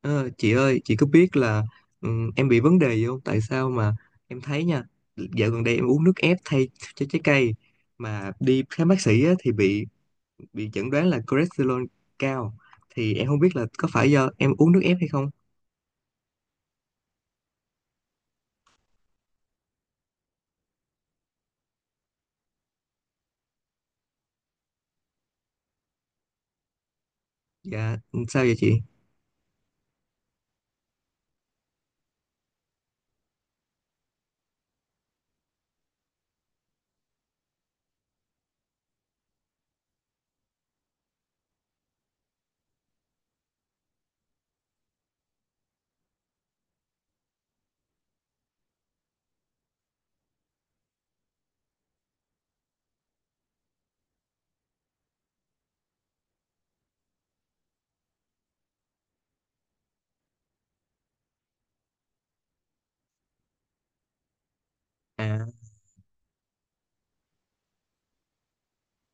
Ờ, chị ơi, chị có biết là em bị vấn đề gì không? Tại sao mà em thấy nha, dạo gần đây em uống nước ép thay cho trái cây mà đi khám bác sĩ á, thì bị chẩn đoán là cholesterol cao. Thì em không biết là có phải do em uống nước ép hay không? Dạ, ừ, sao vậy chị? À.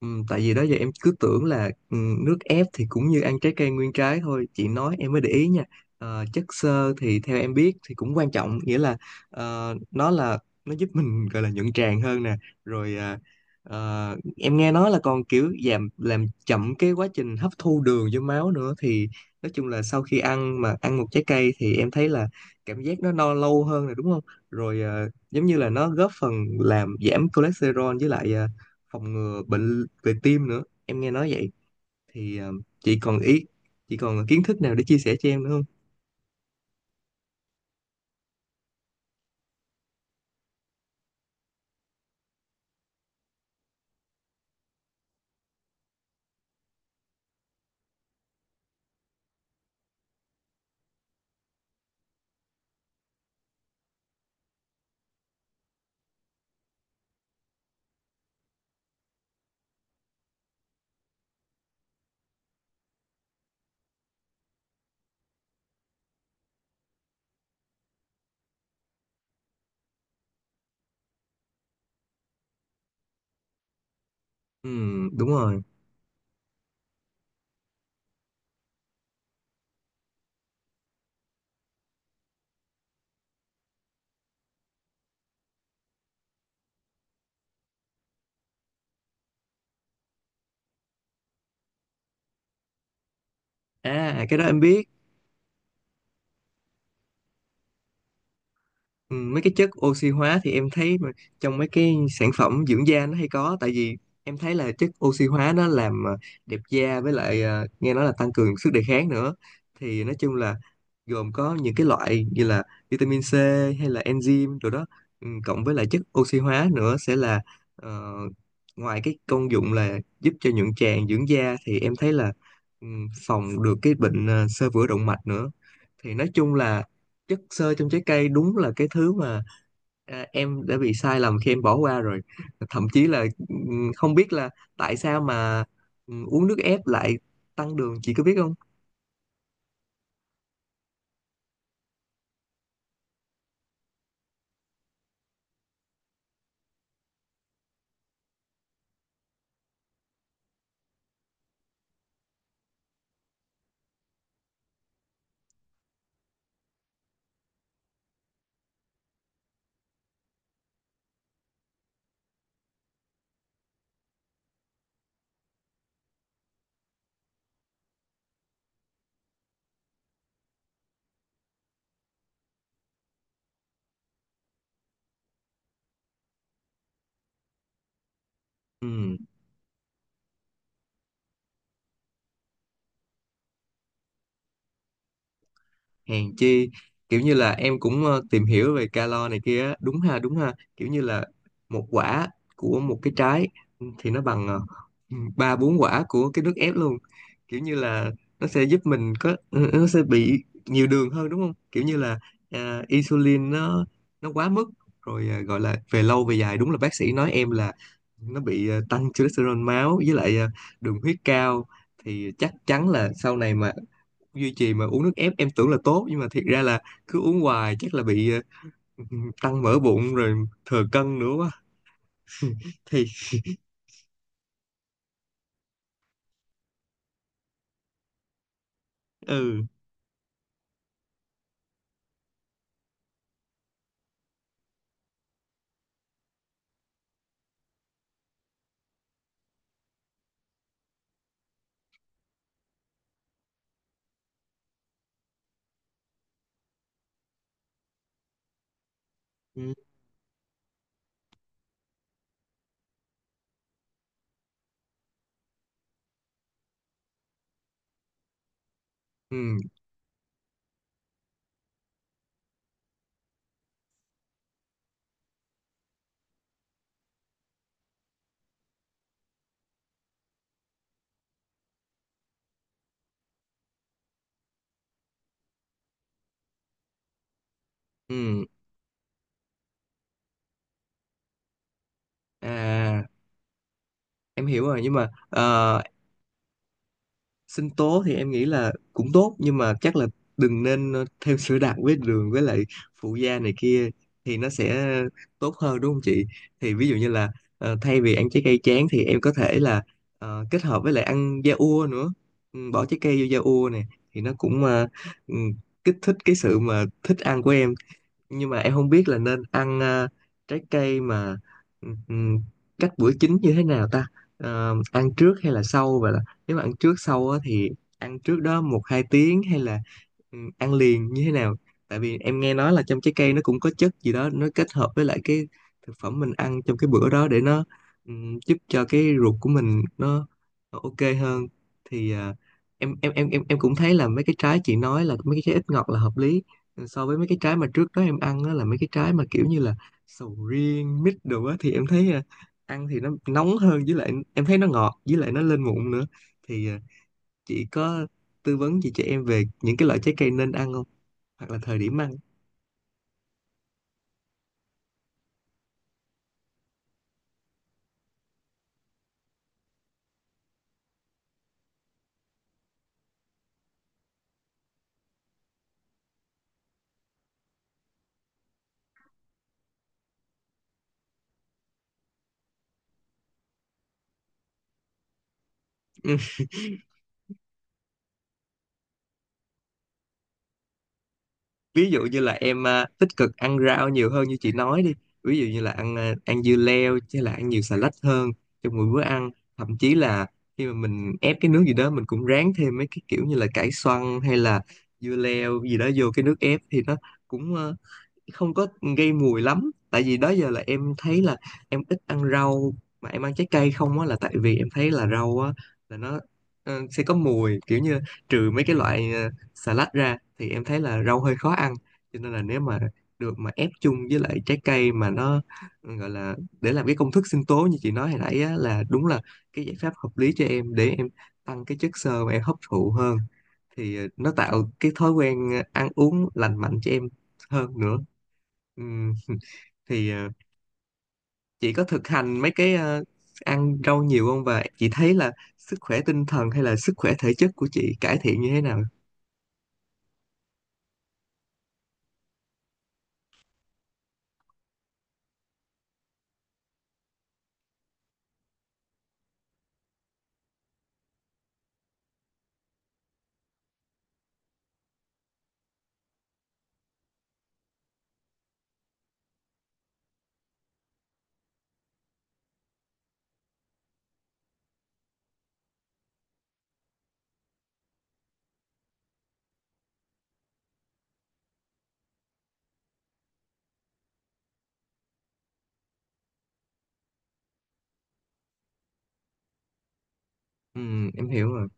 Ừ, tại vì đó giờ em cứ tưởng là nước ép thì cũng như ăn trái cây nguyên trái thôi, chị nói em mới để ý nha. Chất xơ thì theo em biết thì cũng quan trọng, nghĩa là nó là nó giúp mình gọi là nhuận tràng hơn nè, rồi em nghe nói là còn kiểu giảm, làm chậm cái quá trình hấp thu đường vô máu nữa. Thì nói chung là sau khi ăn, mà ăn một trái cây thì em thấy là cảm giác nó no lâu hơn, rồi đúng không, rồi giống như là nó góp phần làm giảm cholesterol, với lại phòng ngừa bệnh về tim nữa, em nghe nói vậy. Thì chị còn ý chị còn kiến thức nào để chia sẻ cho em nữa không? Ừ, đúng rồi. À, cái đó em biết. Ừ, mấy cái chất oxy hóa thì em thấy mà trong mấy cái sản phẩm dưỡng da nó hay có, tại vì em thấy là chất oxy hóa nó làm đẹp da, với lại nghe nói là tăng cường sức đề kháng nữa. Thì nói chung là gồm có những cái loại như là vitamin C hay là enzyme rồi đó, ừ, cộng với lại chất oxy hóa nữa sẽ là ờ, ngoài cái công dụng là giúp cho nhuận tràng, dưỡng da thì em thấy là ừ, phòng được cái bệnh xơ vữa động mạch nữa. Thì nói chung là chất xơ trong trái cây đúng là cái thứ mà à, em đã bị sai lầm khi em bỏ qua rồi. Thậm chí là không biết là tại sao mà uống nước ép lại tăng đường, chị có biết không? Ừ, hèn chi. Kiểu như là em cũng tìm hiểu về calo này kia á. Đúng ha, đúng ha, kiểu như là một quả của một cái trái thì nó bằng ba bốn quả của cái nước ép luôn. Kiểu như là nó sẽ giúp mình có, nó sẽ bị nhiều đường hơn đúng không, kiểu như là à, insulin nó quá mức, rồi à, gọi là về lâu về dài đúng là bác sĩ nói em là nó bị à, tăng cholesterol máu, với lại à, đường huyết cao. Thì chắc chắn là sau này mà duy trì mà uống nước ép, em tưởng là tốt nhưng mà thiệt ra là cứ uống hoài chắc là bị tăng mỡ bụng rồi thừa cân nữa quá. Thì ừ. ừ ừ ừ. À, em hiểu rồi, nhưng mà sinh tố thì em nghĩ là cũng tốt, nhưng mà chắc là đừng nên thêm sữa đặc với đường với lại phụ gia này kia, thì nó sẽ tốt hơn đúng không chị? Thì ví dụ như là thay vì ăn trái cây tráng thì em có thể là kết hợp với lại ăn da ua nữa. Ừ, bỏ trái cây vô da ua này thì nó cũng ừ, kích thích cái sự mà thích ăn của em. Nhưng mà em không biết là nên ăn trái cây mà ừm, cách bữa chính như thế nào ta. Ờ, ăn trước hay là sau vậy, là nếu mà ăn trước sau á, thì ăn trước đó một hai tiếng hay là ăn liền như thế nào? Tại vì em nghe nói là trong trái cây nó cũng có chất gì đó, nó kết hợp với lại cái thực phẩm mình ăn trong cái bữa đó để nó giúp cho cái ruột của mình nó ok hơn. Thì ờ, em cũng thấy là mấy cái trái chị nói là mấy cái trái ít ngọt là hợp lý, so với mấy cái trái mà trước đó em ăn á là mấy cái trái mà kiểu như là sầu riêng, mít đồ á, thì em thấy à, ăn thì nó nóng hơn, với lại em thấy nó ngọt với lại nó lên mụn nữa. Thì à, chị có tư vấn gì cho em về những cái loại trái cây nên ăn không, hoặc là thời điểm ăn? Ví dụ như là em à, tích cực ăn rau nhiều hơn như chị nói đi, ví dụ như là ăn à, ăn dưa leo, chứ là ăn nhiều xà lách hơn trong mỗi bữa ăn. Thậm chí là khi mà mình ép cái nước gì đó, mình cũng ráng thêm mấy cái kiểu như là cải xoăn hay là dưa leo gì đó vô cái nước ép, thì nó cũng à, không có gây mùi lắm. Tại vì đó giờ là em thấy là em ít ăn rau mà em ăn trái cây không á, là tại vì em thấy là rau á là nó sẽ có mùi, kiểu như trừ mấy cái loại salad ra thì em thấy là rau hơi khó ăn. Cho nên là nếu mà được mà ép chung với lại trái cây, mà nó gọi là để làm cái công thức sinh tố như chị nói hồi nãy á, là đúng là cái giải pháp hợp lý cho em để em tăng cái chất xơ mà em hấp thụ hơn. Thì nó tạo cái thói quen ăn uống lành mạnh cho em hơn nữa. Ừm, thì chị có thực hành mấy cái ăn rau nhiều không, và chị thấy là sức khỏe tinh thần hay là sức khỏe thể chất của chị cải thiện như thế nào? Em hiểu rồi.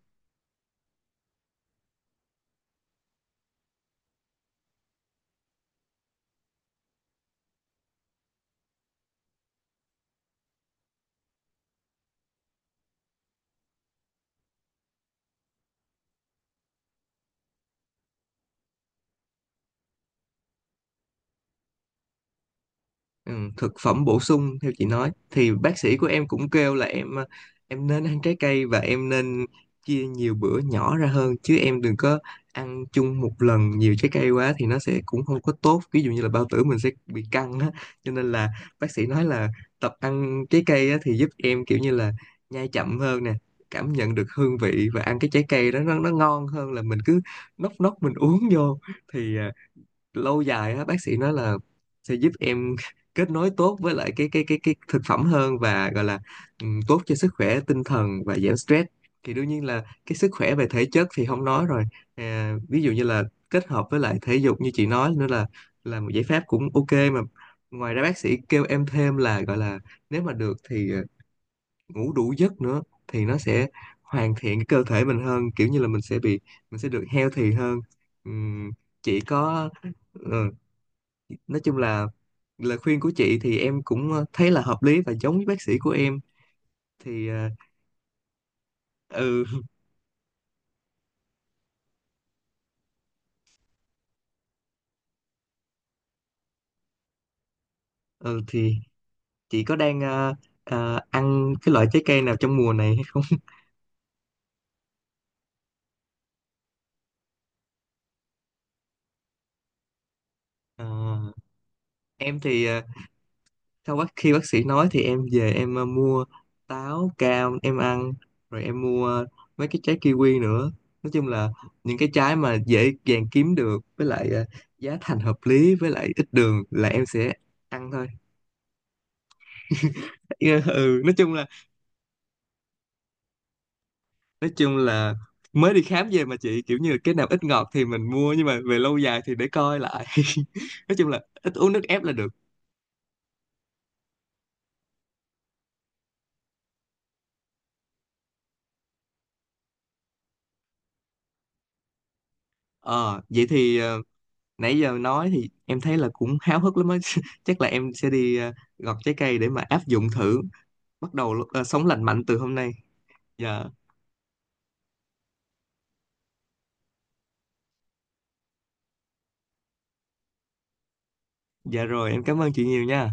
Ừ, thực phẩm bổ sung, theo chị nói thì bác sĩ của em cũng kêu là em em nên ăn trái cây, và em nên chia nhiều bữa nhỏ ra hơn, chứ em đừng có ăn chung một lần nhiều trái cây quá thì nó sẽ cũng không có tốt, ví dụ như là bao tử mình sẽ bị căng á. Cho nên là bác sĩ nói là tập ăn trái cây á, thì giúp em kiểu như là nhai chậm hơn nè, cảm nhận được hương vị và ăn cái trái cây đó nó ngon hơn là mình cứ nốc nốc mình uống vô. Thì à, lâu dài á, bác sĩ nói là sẽ giúp em kết nối tốt với lại cái thực phẩm hơn, và gọi là tốt cho sức khỏe tinh thần và giảm stress. Thì đương nhiên là cái sức khỏe về thể chất thì không nói rồi. À, ví dụ như là kết hợp với lại thể dục như chị nói nữa là một giải pháp cũng ok mà. Ngoài ra bác sĩ kêu em thêm là gọi là nếu mà được thì ngủ đủ giấc nữa, thì nó sẽ hoàn thiện cái cơ thể mình hơn, kiểu như là mình sẽ bị, mình sẽ được healthy hơn. Ừm, chị có ừ, nói chung là lời khuyên của chị thì em cũng thấy là hợp lý và giống với bác sĩ của em. Thì ừ ừ, thì chị có đang ăn cái loại trái cây nào trong mùa này hay không? Ờ, em thì sau khi bác sĩ nói thì em về em mua táo, cam em ăn, rồi em mua mấy cái trái kiwi nữa. Nói chung là những cái trái mà dễ dàng kiếm được, với lại giá thành hợp lý, với lại ít đường là em sẽ ăn thôi. Ừ, nói chung là mới đi khám về, mà chị, kiểu như cái nào ít ngọt thì mình mua, nhưng mà về lâu dài thì để coi lại. Nói chung là ít uống nước ép là được. Ờ vậy thì nãy giờ nói thì em thấy là cũng háo hức lắm á. Chắc là em sẽ đi gọt trái cây để mà áp dụng thử, bắt đầu sống lành mạnh từ hôm nay. Dạ Dạ, rồi em cảm ơn chị nhiều nha.